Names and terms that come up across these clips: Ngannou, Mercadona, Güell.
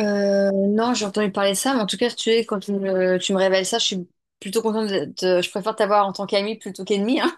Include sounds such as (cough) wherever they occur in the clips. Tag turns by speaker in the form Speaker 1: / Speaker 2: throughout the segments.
Speaker 1: Non, j'ai entendu parler de ça, mais en tout cas, si tu es, quand tu me révèles ça, je suis plutôt contente je préfère t'avoir en tant qu'ami plutôt qu'ennemi, hein.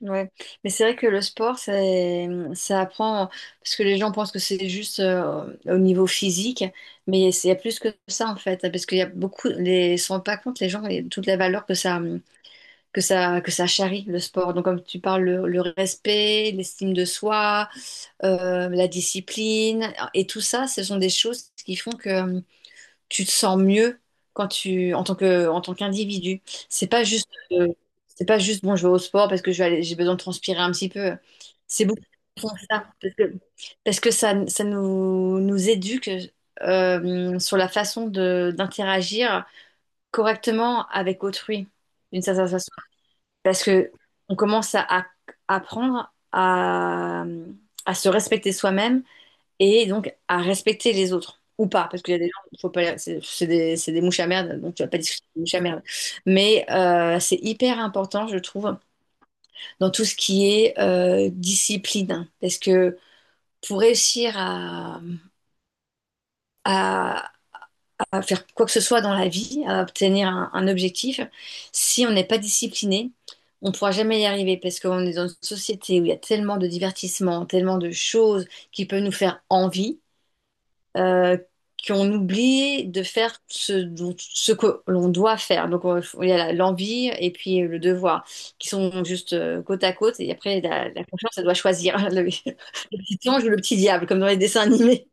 Speaker 1: Ouais. Mais c'est vrai que ça apprend, parce que les gens pensent que c'est juste au niveau physique, mais il y a plus que ça, en fait, parce qu'il y a beaucoup, les, ils se rendent pas compte, les gens, et toute la valeur que ça charrie, le sport. Donc, comme tu parles, le respect, l'estime de soi, la discipline, et tout ça, ce sont des choses qui font que tu te sens mieux quand tu en tant que en tant qu'individu. C'est pas juste euh, c'est pas juste bon, je vais au sport parce que j'ai besoin de transpirer un petit peu. C'est beaucoup plus profond que ça parce que ça nous éduque sur la façon de d'interagir correctement avec autrui d'une certaine façon parce que on commence apprendre à se respecter soi-même et donc à respecter les autres ou pas, parce qu'il y a des gens, faut pas, c'est des mouches à merde, donc tu vas pas discuter des mouches à merde. Mais c'est hyper important, je trouve, dans tout ce qui est discipline, parce que pour réussir à- à faire quoi que ce soit dans la vie, à obtenir un objectif, si on n'est pas discipliné, on ne pourra jamais y arriver, parce qu'on est dans une société où il y a tellement de divertissements, tellement de choses qui peuvent nous faire envie, euh, qu'on oublie de faire ce, dont- ce que l'on doit faire. Donc, il y a l'envie et puis le devoir, qui sont juste côte à côte. Et après, la conscience, elle doit choisir (laughs) le petit ange ou le petit diable, comme dans les dessins animés.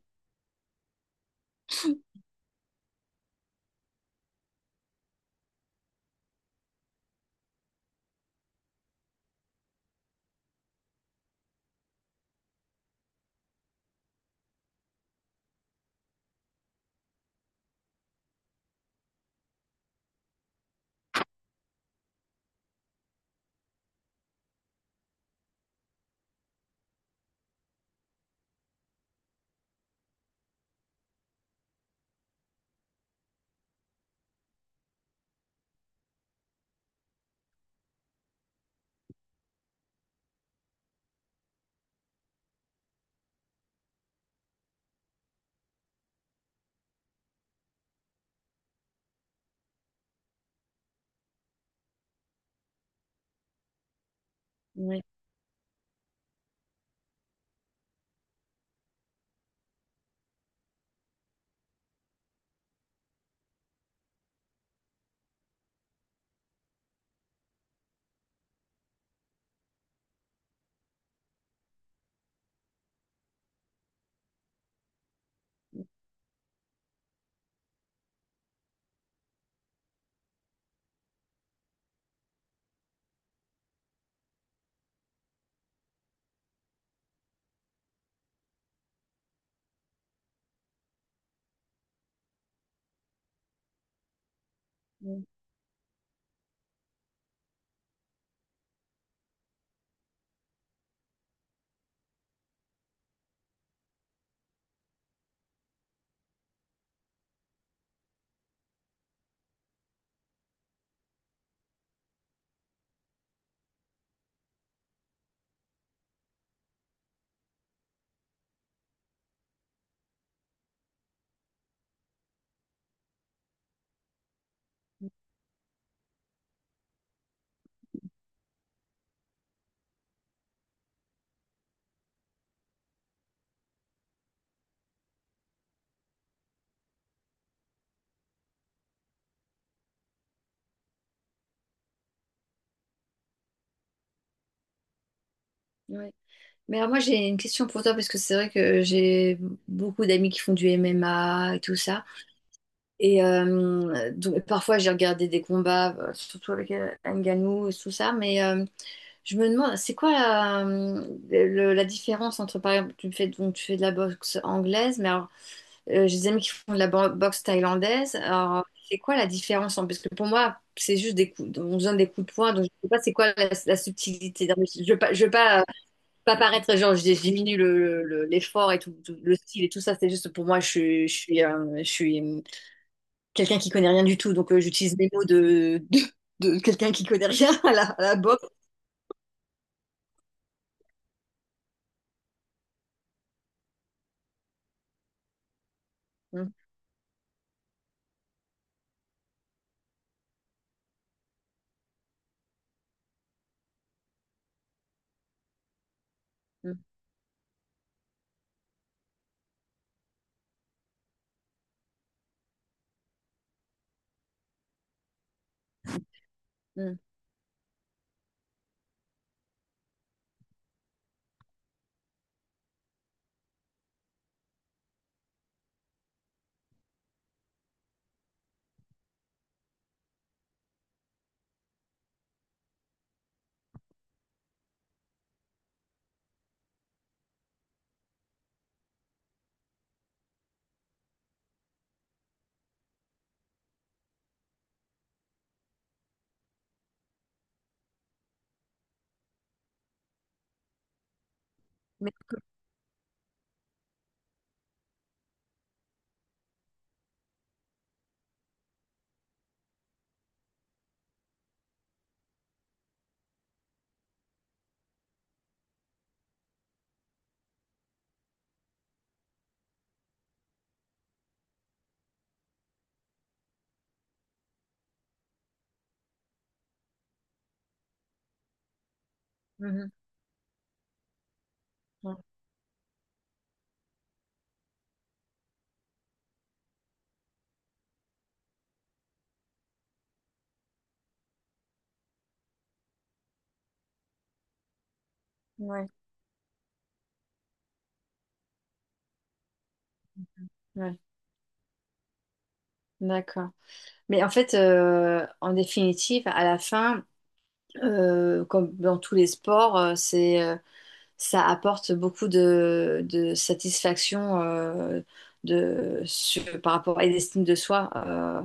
Speaker 1: Ouais, ouais, ouais. Mais alors moi j'ai une question pour toi, parce que c'est vrai que j'ai beaucoup d'amis qui font du MMA et tout ça. Et donc, parfois j'ai regardé des combats, surtout avec Ngannou et tout ça, mais je me demande, c'est quoi la différence entre, par exemple, tu fais de la boxe anglaise, mais alors, j'ai des amis qui font de la boxe thaïlandaise. Alors, c'est quoi la différence, hein? Parce que pour moi, c'est juste des coups, on donne des coups de poing, donc je sais pas c'est quoi la subtilité. Non, mais je veux pas, pas paraître, genre, je diminue l'effort et tout, le style et tout ça. C'est juste pour moi, je, suis- je suis, je suis quelqu'un qui connaît rien du tout, donc j'utilise les mots de quelqu'un qui connaît rien à à la boxe. Mm, mm, mm. Mhm. Ouais, ouais, ouais. D'accord. Mais en fait, en définitive, à la fin, comme dans tous les sports, ça apporte beaucoup de satisfaction, par rapport à l'estime de soi, euh,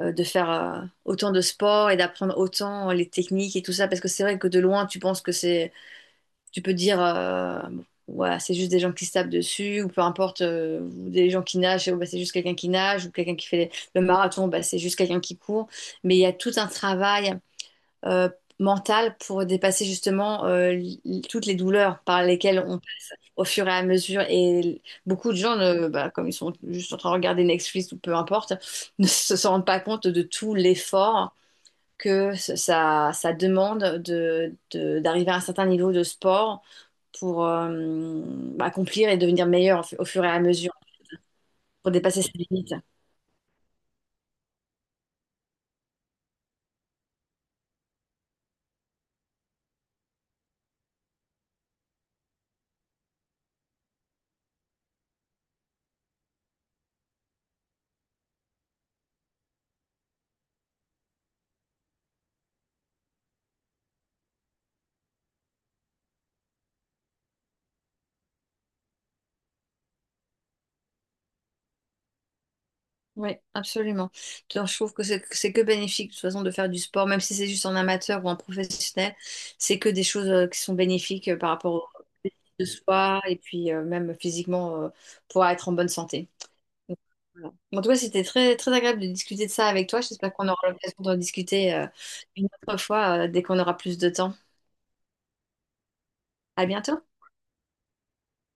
Speaker 1: euh, de faire autant de sport et d'apprendre autant les techniques et tout ça, parce que c'est vrai que de loin, tu penses que c'est... Tu peux dire, bon, voilà, c'est juste des gens qui se tapent dessus, ou peu importe, ou des gens qui nagent, bah, c'est juste quelqu'un qui nage, ou quelqu'un qui fait le marathon, bah, c'est juste quelqu'un qui court. Mais il y a tout un travail euh, mental pour dépasser justement toutes les douleurs par lesquelles on passe au fur et à mesure. Et beaucoup de gens, bah, comme ils sont juste en train de regarder Netflix ou peu importe, (laughs) ne se rendent pas compte de tout l'effort ça demande d'arriver à un certain niveau de sport pour accomplir et devenir meilleur au au fur et à mesure, pour dépasser ses limites. Oui, absolument. Donc, je trouve que c'est que bénéfique de toute façon de faire du sport, même si c'est juste en amateur ou en professionnel, c'est que des choses qui sont bénéfiques par rapport au de soi, et puis même physiquement, pour être en bonne santé. Donc, voilà. En tout cas, c'était très, très agréable de discuter de ça avec toi. J'espère qu'on aura l'occasion d'en discuter une autre fois, dès qu'on aura plus de temps. À bientôt.